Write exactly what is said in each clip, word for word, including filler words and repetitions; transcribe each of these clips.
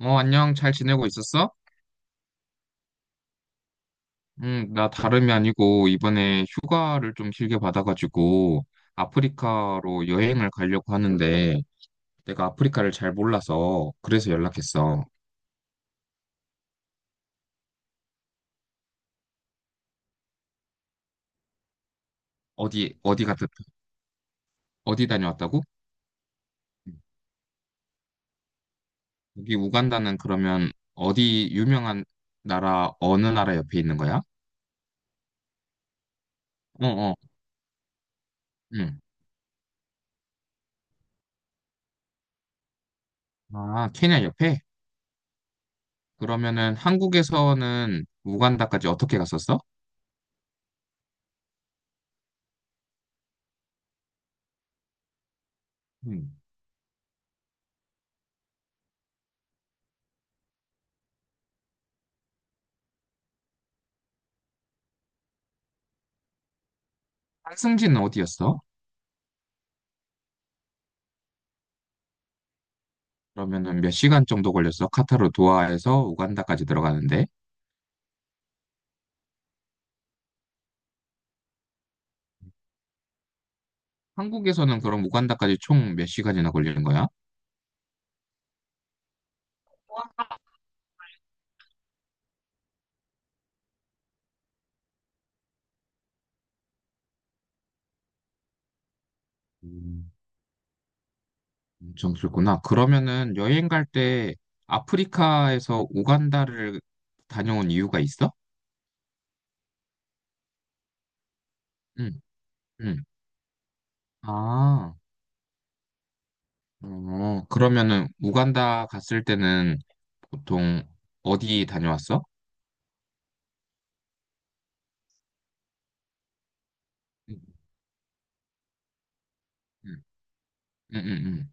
어, 안녕. 잘 지내고 있었어? 응, 나 다름이 아니고 이번에 휴가를 좀 길게 받아가지고 아프리카로 여행을 가려고 하는데 내가 아프리카를 잘 몰라서 그래서 연락했어. 어디, 어디 갔다, 어디 다녀왔다고? 응. 여기 우간다는 그러면 어디 유명한 나라, 어느 나라 옆에 있는 거야? 어, 어, 응. 아, 케냐 옆에? 그러면은 한국에서는 우간다까지 어떻게 갔었어? 응. 환승지는 어디였어? 그러면은 몇 시간 정도 걸렸어? 카타르 도하에서 우간다까지 들어가는데? 한국에서는 그럼 우간다까지 총 몇 시간이나 걸리는 거야? 음, 엄청 길구나. 그러면은 여행 갈 때 아프리카에서 우간다를 다녀온 이유가 있어? 응, 응. 아, 어, 그러면은 우간다 갔을 때는 보통 어디 다녀왔어? 응, 응, 응, 응.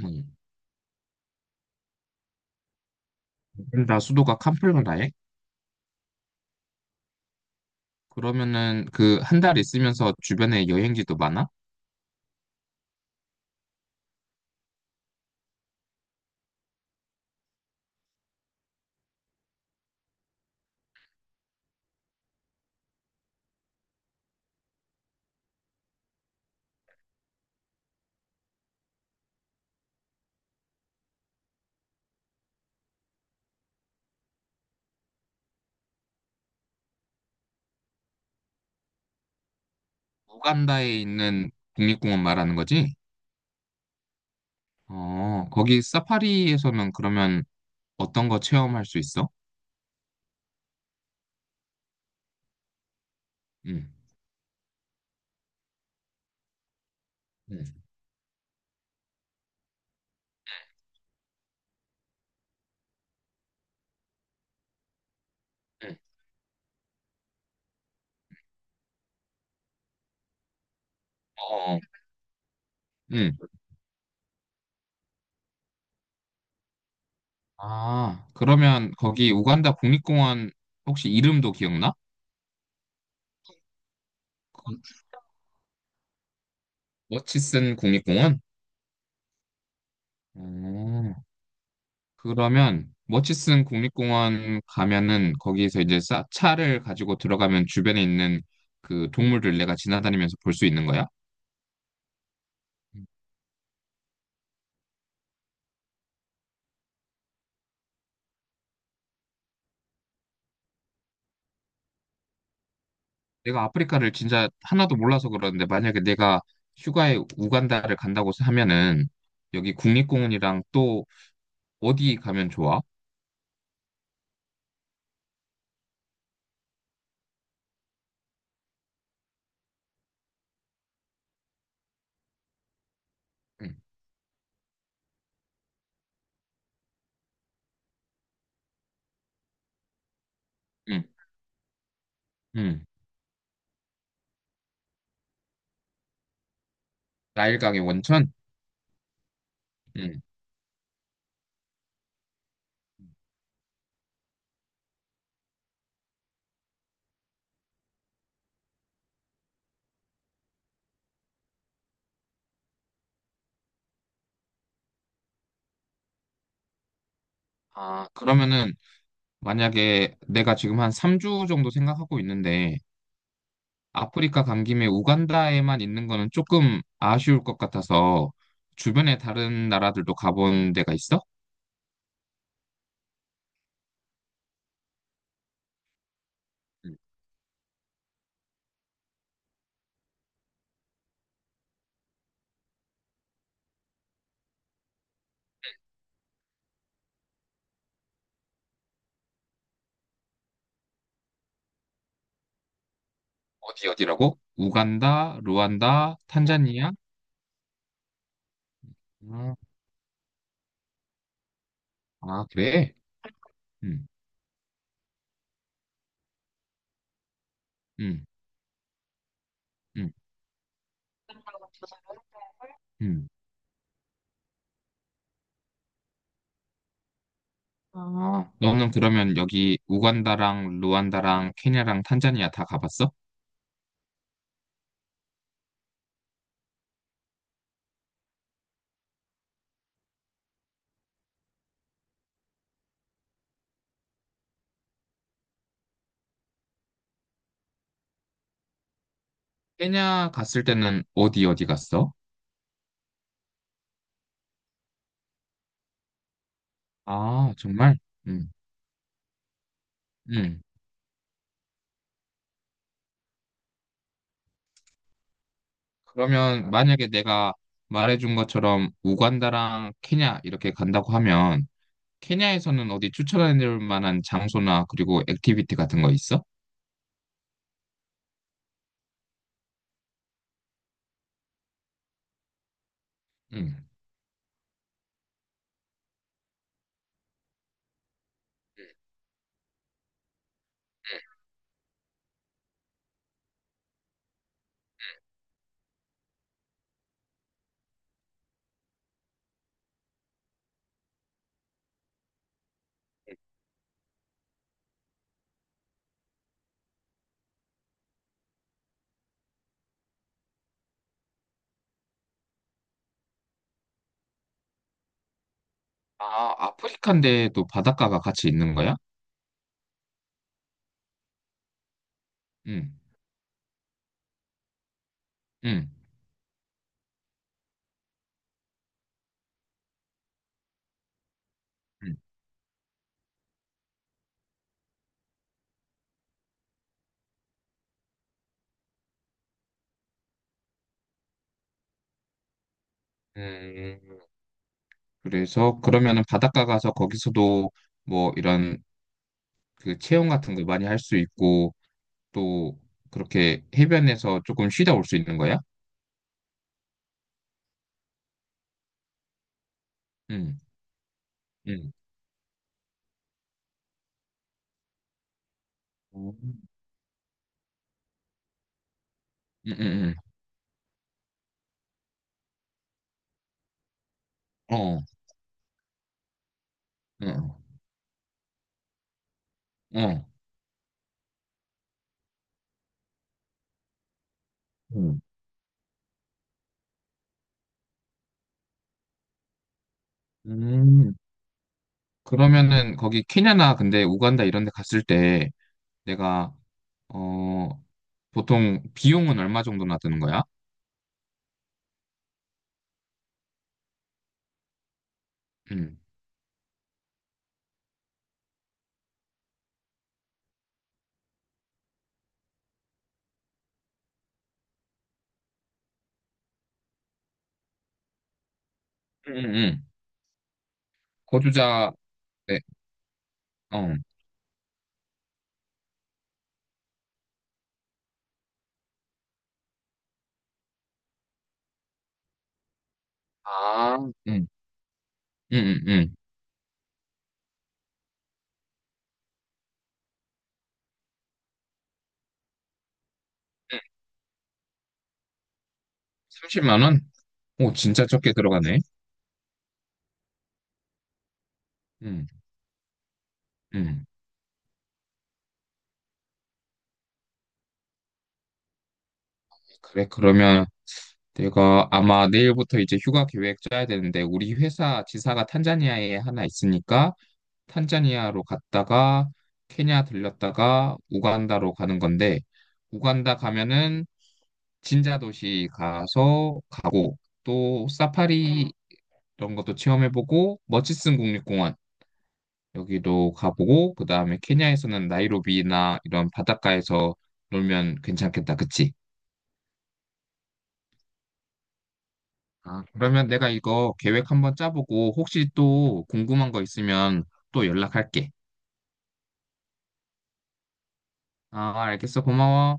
응. 우간다 수도가 캄플가라에? 그러면은 그 한 달 있으면서 주변에 여행지도 많아? 우간다에 있는 국립공원 말하는 거지? 어, 거기 사파리에서는 그러면 어떤 거 체험할 수 있어? 응, 응, 응, 어, 응. 아, 그러면 거기 우간다 국립공원 혹시 이름도 기억나? 그 머치슨 국립공원? 어, 그러면 머치슨 국립공원 가면은 거기서 이제 사- 차를 가지고 들어가면 주변에 있는 그 동물들 내가 지나다니면서 볼 수 있는 거야? 내가 아프리카를 진짜 하나도 몰라서 그러는데 만약에 내가 휴가에 우간다를 간다고 하면은 여기 국립공원이랑 또 어디 가면 좋아? 응, 응, 응. 나일강의 원천? 응. 아, 그러면은 만약에 내가 지금 한 삼 주 정도 생각하고 있는데 아프리카 간 김에 우간다에만 있는 거는 조금 아쉬울 것 같아서 주변에 다른 나라들도 가본 데가 있어? 응. 어디 어디라고? 우간다, 루안다, 탄자니아? 아, 아, 그래? 음, 음, 음, 음. 아, 너는 그러면 여기 우간다랑 루안다랑 케냐랑 탄자니아 다 가봤어? 케냐 갔을 때는 어디 어디 갔어? 아, 정말? 음, 음. 그러면 만약에 내가 말해준 것처럼 우간다랑 케냐 이렇게 간다고 하면 케냐에서는 어디 추천해줄 만한 장소나 그리고 액티비티 같은 거 있어? 음. 아, 아프리카인데 또 바닷가가 같이 있는 거야? 음, 음, 음. 음. 그래서 그러면은 바닷가 가서 거기서도 뭐 이런 그 체험 같은 거 많이 할 수 있고 또 그렇게 해변에서 조금 쉬다 올 수 있는 거야? 응, 응, 음. 응, 응, 응. 어, 어, 어. 음. 음. 그러면은 거기 케냐나 근데 우간다 이런 데 갔을 때 내가 어 보통 비용은 얼마 정도나 드는 거야? 응, 응, 응. 응. 거주자 네, 어. 아, 응, 응, 응, 응. 삼십만 원? 오, 진짜 적게 들어가네. 음, 음. 그래, 그러면 내가 아마 내일부터 이제 휴가 계획 짜야 되는데, 우리 회사 지사가 탄자니아에 하나 있으니까, 탄자니아로 갔다가, 케냐 들렸다가, 우간다로 가는 건데, 우간다 가면은 진자 도시 가서 가고, 또 사파리 이런 것도 체험해보고, 머치슨 국립공원 여기도 가보고, 그 다음에 케냐에서는 나이로비나 이런 바닷가에서 놀면 괜찮겠다, 그치? 아, 그러면 내가 이거 계획 한번 짜보고 혹시 또 궁금한 거 있으면 또 연락할게. 아, 알겠어. 고마워.